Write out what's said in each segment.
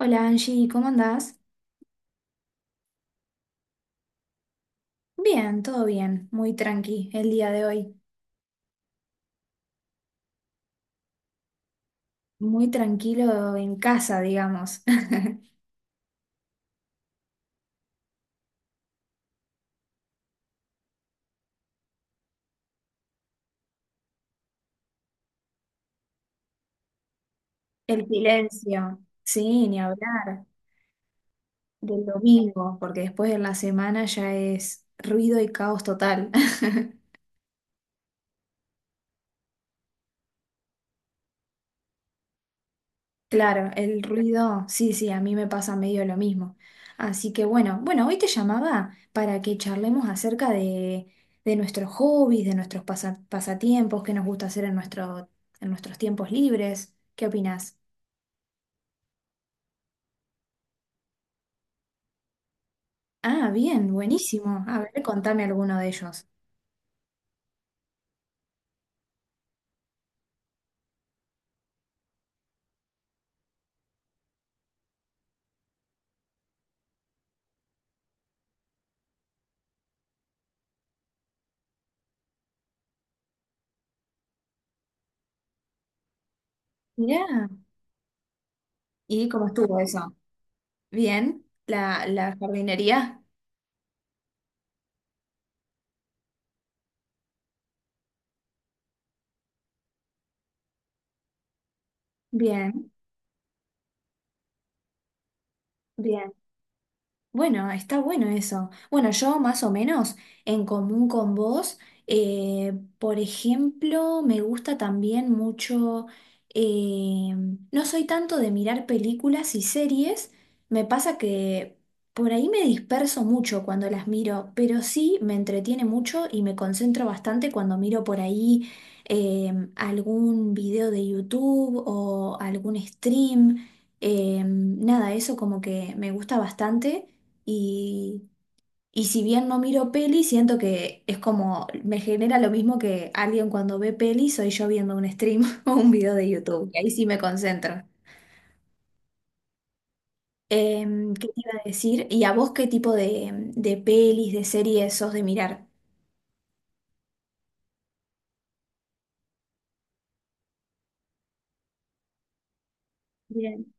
Hola Angie, ¿cómo andás? Bien, todo bien, muy tranqui el día de hoy, muy tranquilo en casa, digamos. El silencio, sí, ni hablar del domingo, porque después de la semana ya es ruido y caos total. Claro, el ruido, sí, sí, a mí me pasa medio lo mismo. Así que bueno, bueno, hoy te llamaba para que charlemos acerca de nuestros hobbies, de nuestros pasatiempos, qué nos gusta hacer en en nuestros tiempos libres. ¿Qué opinás? Ah, bien, buenísimo. A ver, contame alguno de ellos. Mirá, ¿y cómo estuvo eso? Bien, la jardinería. Bien, bien. Bueno, está bueno eso. Bueno, yo más o menos en común con vos, eh, por ejemplo, me gusta también mucho, eh, no soy tanto de mirar películas y series, me pasa que por ahí me disperso mucho cuando las miro, pero sí me entretiene mucho y me concentro bastante cuando miro por ahí algún video de YouTube o algún stream. Nada, eso como que me gusta bastante. Y, y si bien no miro peli, siento que es como, me genera lo mismo que alguien cuando ve peli, soy yo viendo un stream o un video de YouTube, y ahí sí me concentro. ¿Qué te iba a decir? ¿Y a vos qué tipo de pelis, de series sos de mirar? Bien,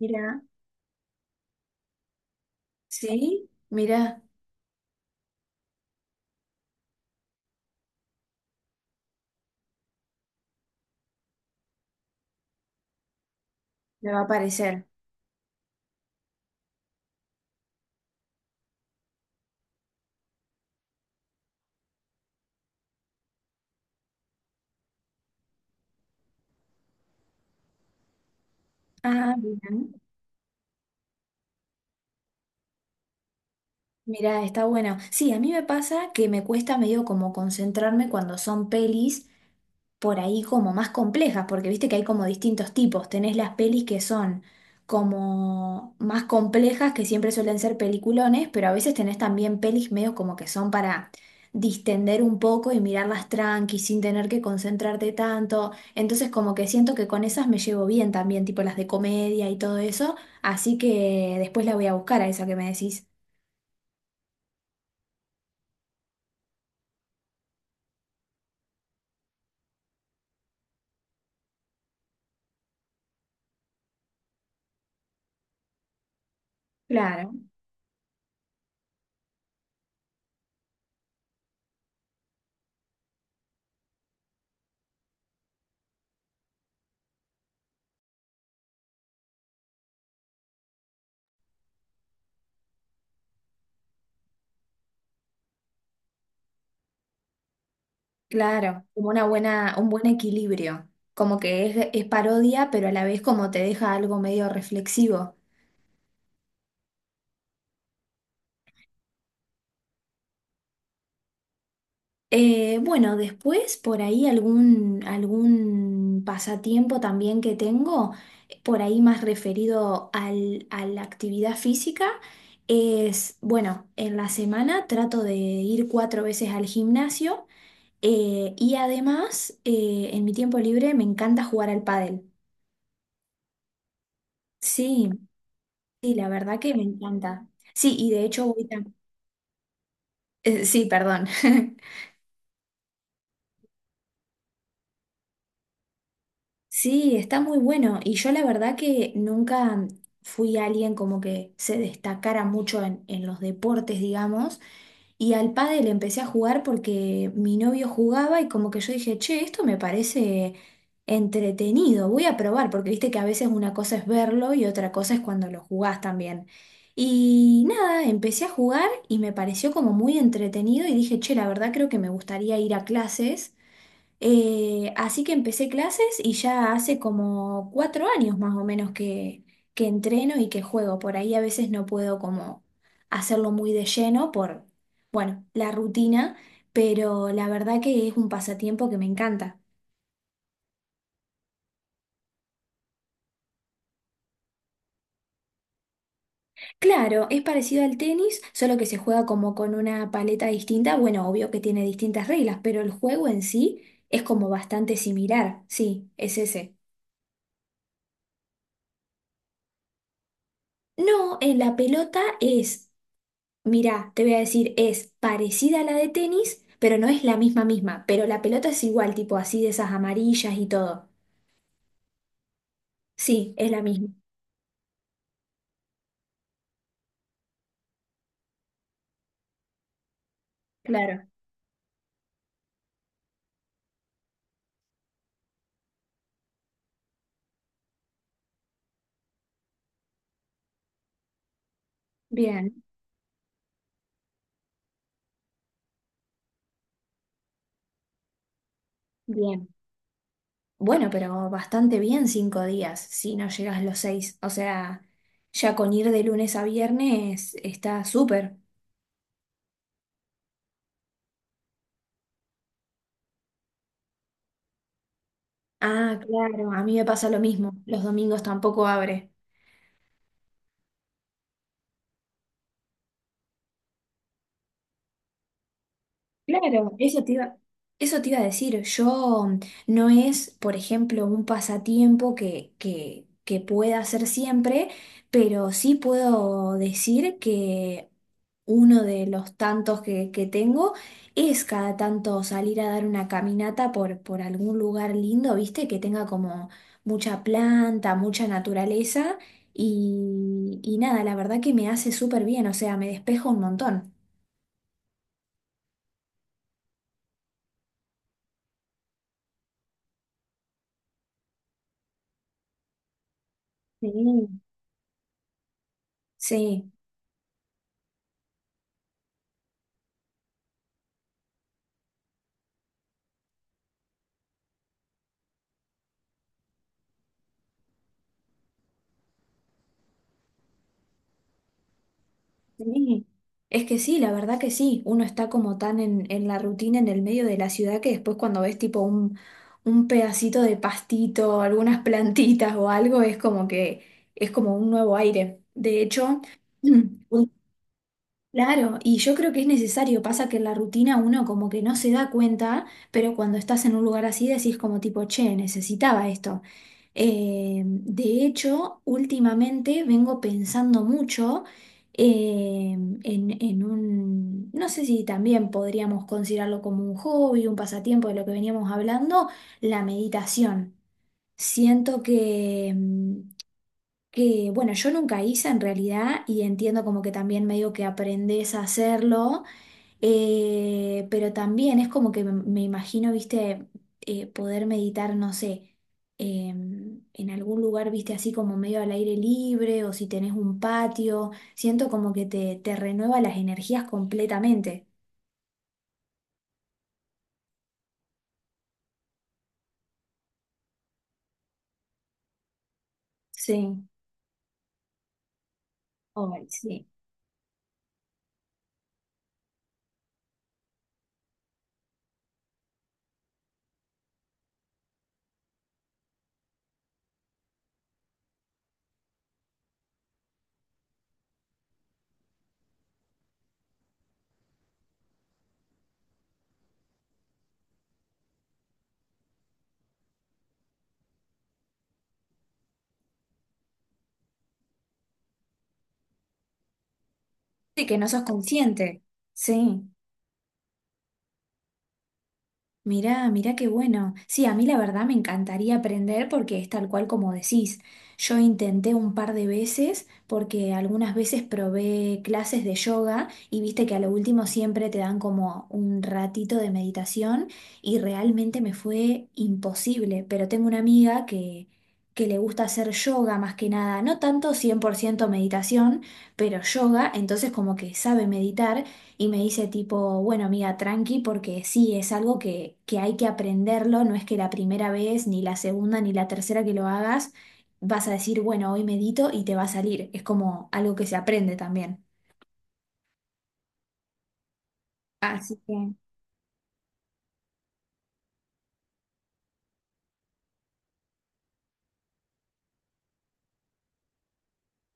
mira. ¿Sí? Mira, me va a aparecer. Ah, bien. Mira, está bueno. Sí, a mí me pasa que me cuesta medio como concentrarme cuando son pelis, por ahí como más complejas, porque viste que hay como distintos tipos. Tenés las pelis que son como más complejas, que siempre suelen ser peliculones, pero a veces tenés también pelis medio como que son para distender un poco y mirarlas tranqui, sin tener que concentrarte tanto. Entonces como que siento que con esas me llevo bien también, tipo las de comedia y todo eso, así que después la voy a buscar a esa que me decís. Claro. Claro, como una buena, un buen equilibrio, como que es parodia, pero a la vez como te deja algo medio reflexivo. Bueno, después por ahí algún pasatiempo también que tengo, por ahí más referido a la actividad física, es, bueno, en la semana trato de ir 4 veces al gimnasio, y además en mi tiempo libre me encanta jugar al pádel. Sí, sí, la verdad que me encanta. Sí, y de hecho voy sí, perdón. Sí, está muy bueno. Y yo la verdad que nunca fui alguien como que se destacara mucho en los deportes, digamos. Y al pádel empecé a jugar porque mi novio jugaba y como que yo dije, che, esto me parece entretenido, voy a probar, porque viste que a veces una cosa es verlo y otra cosa es cuando lo jugás también. Y nada, empecé a jugar y me pareció como muy entretenido y dije, che, la verdad creo que me gustaría ir a clases. Así que empecé clases y ya hace como 4 años más o menos que entreno y que juego. Por ahí a veces no puedo como hacerlo muy de lleno por, bueno, la rutina, pero la verdad que es un pasatiempo que me encanta. Claro, es parecido al tenis, solo que se juega como con una paleta distinta. Bueno, obvio que tiene distintas reglas, pero el juego en sí es como bastante similar. Sí, es ese. No, en la pelota es mirá, te voy a decir, es parecida a la de tenis, pero no es la misma misma. Pero la pelota es igual, tipo así de esas amarillas y todo. Sí, es la misma. Claro. Bien, bien. Bueno, pero bastante bien 5 días, si no llegas los seis. O sea, ya con ir de lunes a viernes está súper. Ah, claro, a mí me pasa lo mismo. Los domingos tampoco abre. Claro, eso te iba a decir. Yo no es, por ejemplo, un pasatiempo que pueda hacer siempre, pero sí puedo decir que uno de los tantos que tengo es cada tanto salir a dar una caminata por algún lugar lindo, ¿viste? Que tenga como mucha planta, mucha naturaleza y nada, la verdad que me hace súper bien, o sea, me despejo un montón. Sí. Sí. Sí, es que sí, la verdad que sí, uno está como tan en la rutina, en el medio de la ciudad, que después cuando ves tipo un pedacito de pastito, algunas plantitas o algo, es como que es como un nuevo aire. De hecho, claro, y yo creo que es necesario, pasa que en la rutina uno como que no se da cuenta, pero cuando estás en un lugar así decís como tipo, che, necesitaba esto. De hecho, últimamente vengo pensando mucho eh, en un, no sé si también podríamos considerarlo como un hobby, un pasatiempo de lo que veníamos hablando, la meditación. Siento que, bueno, yo nunca hice en realidad y entiendo como que también medio que aprendes a hacerlo, pero también es como que me imagino, viste, poder meditar, no sé, eh, en algún lugar, viste, así como medio al aire libre o si tenés un patio, siento como que te renueva las energías completamente. Sí, ay, sí. Sí, que no sos consciente. Sí. Mirá, mirá qué bueno. Sí, a mí la verdad me encantaría aprender porque es tal cual como decís. Yo intenté un par de veces porque algunas veces probé clases de yoga y viste que a lo último siempre te dan como un ratito de meditación y realmente me fue imposible. Pero tengo una amiga que le gusta hacer yoga más que nada, no tanto 100% meditación, pero yoga, entonces como que sabe meditar. Y me dice tipo, bueno, amiga, tranqui, porque sí, es algo que hay que aprenderlo, no es que la primera vez, ni la segunda, ni la tercera que lo hagas, vas a decir, bueno, hoy medito y te va a salir. Es como algo que se aprende también. Así que,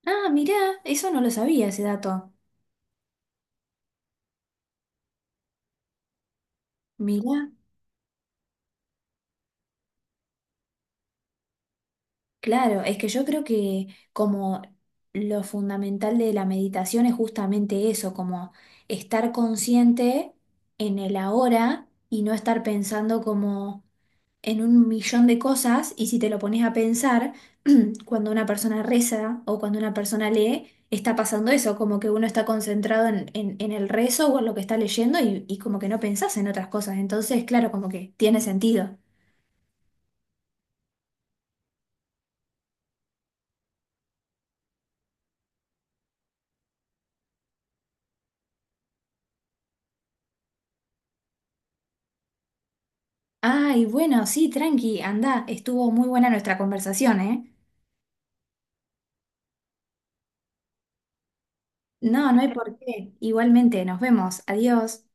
ah, mirá, eso no lo sabía ese dato. Mirá, claro, es que yo creo que como lo fundamental de la meditación es justamente eso, como estar consciente en el ahora y no estar pensando como en un millón de cosas y si te lo pones a pensar, cuando una persona reza o cuando una persona lee, está pasando eso, como que uno está concentrado en el rezo o en lo que está leyendo y como que no pensás en otras cosas. Entonces, claro, como que tiene sentido. Ay, bueno, sí, tranqui, anda, estuvo muy buena nuestra conversación, ¿eh? No, no hay por qué. Igualmente, nos vemos. Adiós.